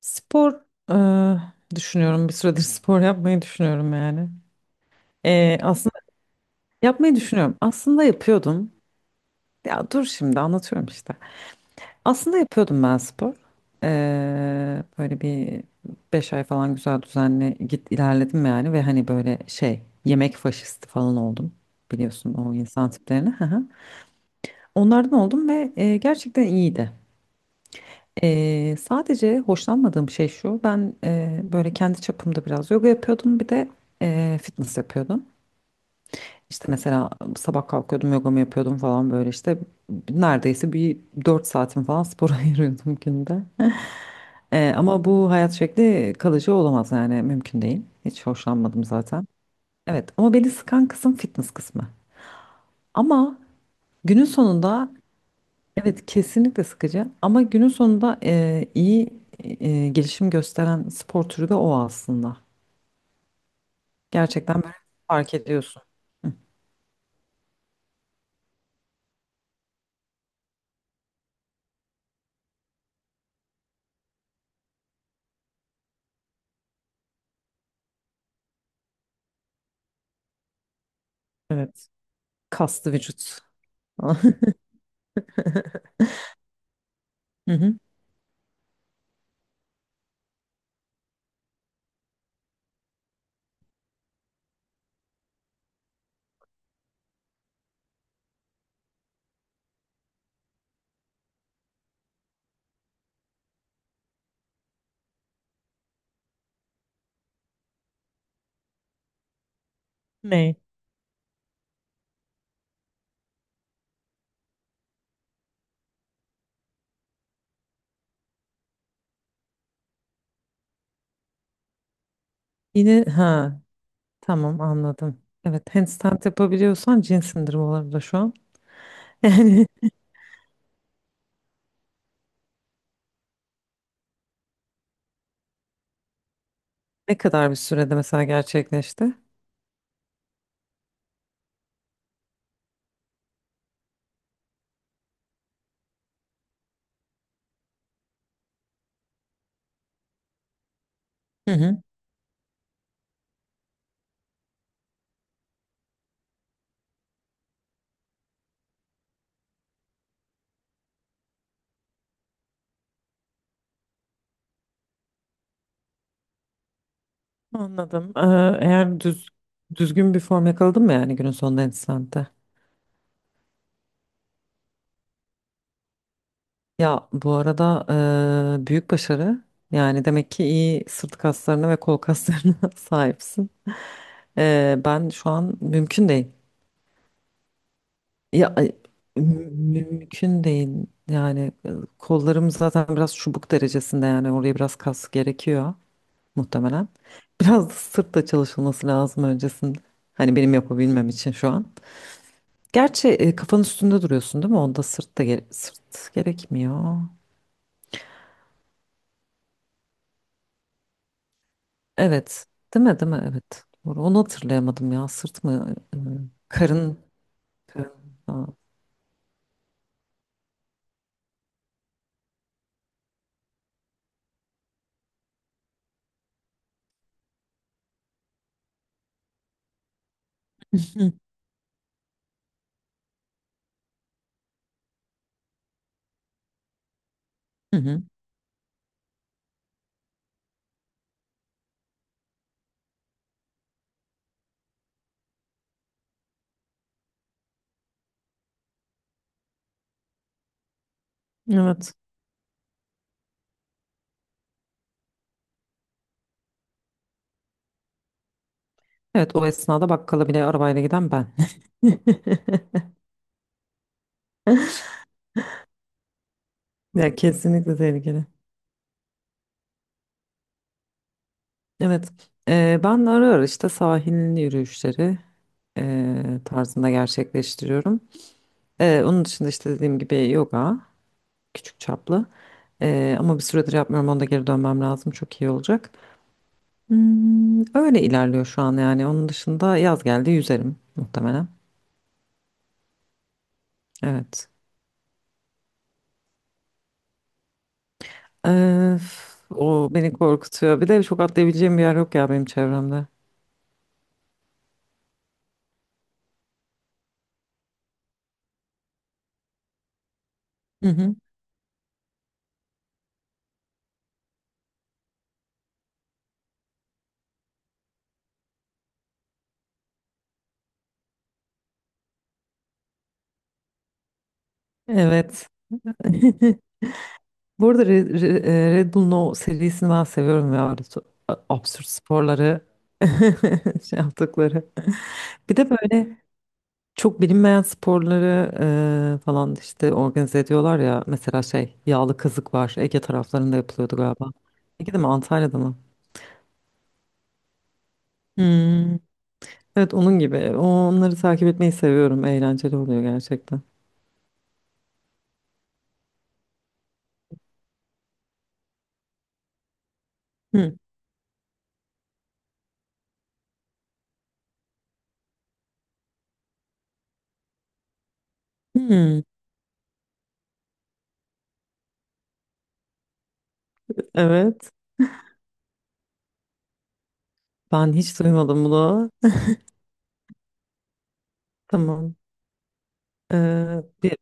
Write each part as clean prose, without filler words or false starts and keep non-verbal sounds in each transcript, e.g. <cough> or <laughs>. Spor. e, Düşünüyorum bir süredir <laughs> spor yapmayı düşünüyorum yani. Aslında yapmayı düşünüyorum. Aslında yapıyordum. Ya dur şimdi anlatıyorum işte. Aslında yapıyordum ben spor. Böyle bir 5 ay falan güzel düzenli git ilerledim yani ve hani böyle şey yemek faşisti falan oldum. Biliyorsun o insan tiplerini. <laughs> Hı hı. Onlardan oldum ve gerçekten iyiydi. Sadece hoşlanmadığım şey şu, ben böyle kendi çapımda biraz yoga yapıyordum, bir de fitness yapıyordum. İşte mesela sabah kalkıyordum, yogamı yapıyordum falan böyle işte neredeyse bir 4 saatim falan spora <laughs> ayırıyordum günde. Ama bu hayat şekli kalıcı olamaz yani mümkün değil. Hiç hoşlanmadım zaten. Evet ama beni sıkan kısım fitness kısmı. Ama günün sonunda evet, kesinlikle sıkıcı ama günün sonunda iyi gelişim gösteren spor türü de o aslında. Gerçekten böyle fark ediyorsun. Evet. Kaslı vücut. <laughs> Hı hı. Ne? Yine ha, tamam, anladım. Evet, handstand yapabiliyorsan cin sindirimi olabilir şu an. <laughs> Yani ne kadar bir sürede mesela gerçekleşti? Hı hı. Anladım. Eğer düz, düzgün bir form yakaladın mı yani günün sonunda handstand'de? Ya bu arada büyük başarı. Yani demek ki iyi sırt kaslarına ve kol kaslarına <laughs> sahipsin. Ben şu an mümkün değil. Ya ay, mü- mümkün değil. Yani kollarım zaten biraz çubuk derecesinde, yani oraya biraz kas gerekiyor muhtemelen. Biraz da sırtla çalışılması lazım öncesinde. Hani benim yapabilmem için şu an. Gerçi kafanın üstünde duruyorsun değil mi? Onda sırt gerekmiyor. Evet. Değil mi? Değil mi? Evet. Doğru. Onu hatırlayamadım ya. Sırt mı? Karın. Karın. Ha. Hı hı. Hı hı. Evet. Evet, o esnada bakkala bile arabayla giden ben. <laughs> Ya kesinlikle tehlikeli. Evet. Ben ara ara işte sahil yürüyüşleri tarzında gerçekleştiriyorum. Onun dışında işte dediğim gibi yoga, küçük çaplı. Ama bir süredir yapmıyorum. Onda geri dönmem lazım. Çok iyi olacak. Hmm, öyle ilerliyor şu an yani. Onun dışında yaz geldi, yüzerim muhtemelen. Evet. Ee, O beni korkutuyor. Bir de çok atlayabileceğim bir yer yok ya benim çevremde. Hı hı. Evet. <laughs> Bu arada Red Bull'un o serisini ben seviyorum ya. Öyle a- absürt sporları <laughs> şey yaptıkları. Bir de böyle çok bilinmeyen sporları falan işte organize ediyorlar ya. Mesela şey, yağlı kazık var. Ege taraflarında yapılıyordu galiba. Ege de mi, Antalya'da mı? Hmm. Evet, onun gibi. Onları takip etmeyi seviyorum. Eğlenceli oluyor gerçekten. Hmm. Hmm. Evet. Ben hiç duymadım bunu. Tamam. Ee, bir,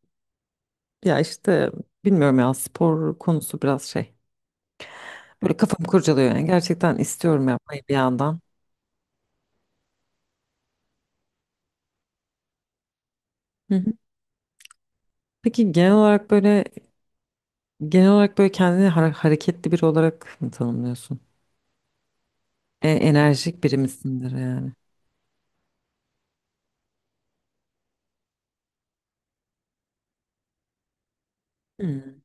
ya işte bilmiyorum ya, spor konusu biraz şey. Böyle kafam kurcalıyor yani. Gerçekten istiyorum yapmayı bir yandan. Hı hı. Peki genel olarak böyle kendini hareketli biri olarak mı tanımlıyorsun? Enerjik biri misindir yani? Hmm.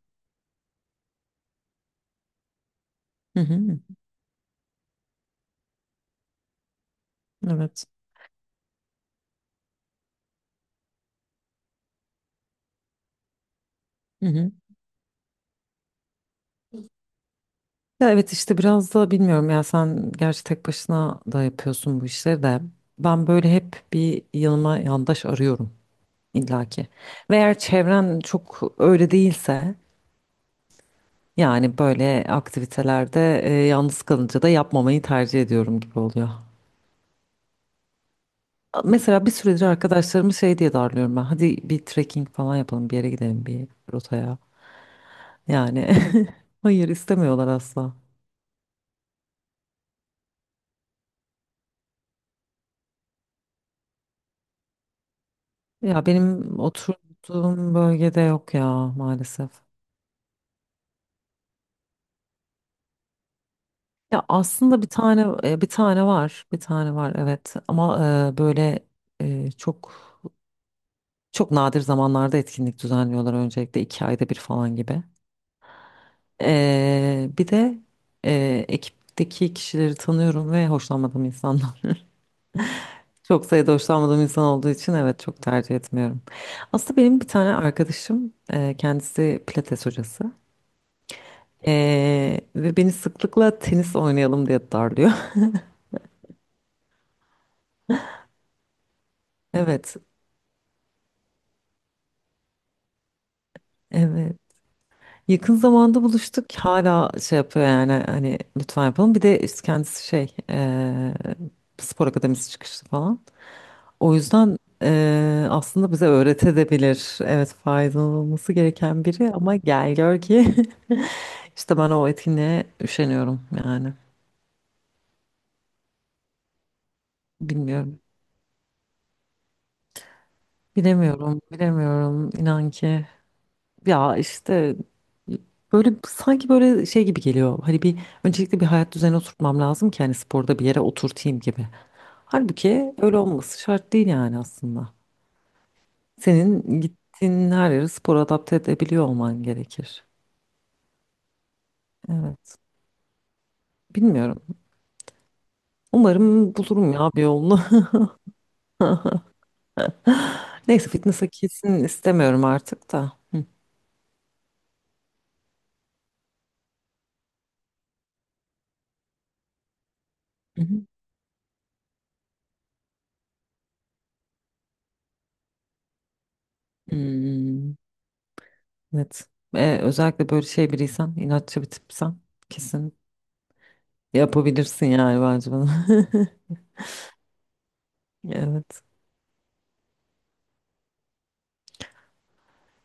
Hı hı. Evet. Ya evet, işte biraz da bilmiyorum ya, sen gerçi tek başına da yapıyorsun bu işleri de, ben böyle hep bir yanıma yandaş arıyorum illaki. Ve eğer çevren çok öyle değilse, yani böyle aktivitelerde yalnız kalınca da yapmamayı tercih ediyorum gibi oluyor. Mesela bir süredir arkadaşlarımı şey diye darlıyorum: ben hadi bir trekking falan yapalım, bir yere gidelim, bir rotaya, yani <laughs> hayır, istemiyorlar asla. Ya benim oturduğum bölgede yok ya maalesef. Ya aslında bir tane bir tane var. Bir tane var evet. Ama böyle çok çok nadir zamanlarda etkinlik düzenliyorlar öncelikle, 2 ayda bir falan gibi. Bir de ekipteki kişileri tanıyorum ve hoşlanmadığım insanlar. <laughs> Çok sayıda hoşlanmadığım insan olduğu için evet, çok tercih etmiyorum. Aslında benim bir tane arkadaşım kendisi pilates hocası. E, Ve beni sıklıkla tenis oynayalım diye darlıyor. <laughs> Evet. Evet. Yakın zamanda buluştuk. Hala şey yapıyor yani, hani lütfen yapalım. Bir de işte kendisi şey spor akademisi çıkışlı falan. O yüzden aslında bize öğretebilir. Evet, faydalanılması gereken biri ama gel gör ki <laughs> işte ben o etkinliğe üşeniyorum yani. Bilmiyorum. Bilemiyorum. Bilemiyorum. İnan ki. Ya işte böyle sanki böyle şey gibi geliyor. Hani bir, öncelikle bir hayat düzeni oturtmam lazım ki hani sporda bir yere oturtayım gibi. Halbuki öyle olması şart değil yani aslında. Senin gittiğin her yere spor adapte edebiliyor olman gerekir. Evet. Bilmiyorum. Umarım bulurum ya bir yolunu. <laughs> Neyse, fitness'a kesin istemiyorum artık da. Hı. Hı hı. Hmm, evet. Özellikle böyle şey biriysen, inatçı bir tipsen, kesin yapabilirsin yani bence bunu. <laughs> Evet.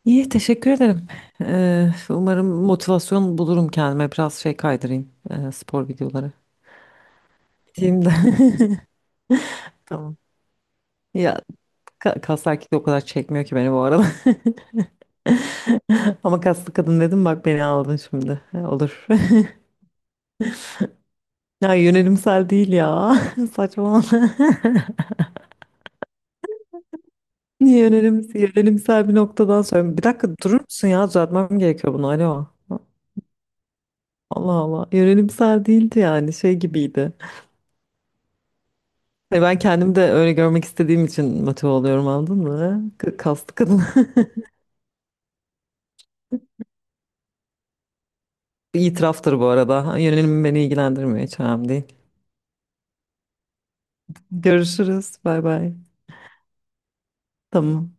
İyi, teşekkür ederim. Umarım motivasyon bulurum kendime. Biraz şey kaydırayım, spor videoları. Gideyim de. <laughs> Tamam. Ya, kas erkek de o kadar çekmiyor ki beni bu arada. <laughs> Ama kaslı kadın dedim, bak beni aldın şimdi. Olur. <laughs> Ya yönelimsel değil ya. <laughs> Saçmalama. <laughs> Niye yönelim, yönelimsel bir noktadan sonra. Bir dakika durur musun ya? Düzeltmem gerekiyor bunu. Alo. Allah Allah. Yönelimsel değildi yani, şey gibiydi. Hani ben kendimi de öyle görmek istediğim için motive oluyorum, anladın mı? Kaslı kadın. <laughs> Bir İtiraftır bu arada. Yönelimim beni ilgilendirmiyor, hiç önemli değil. Görüşürüz. Bay bay. Tamam.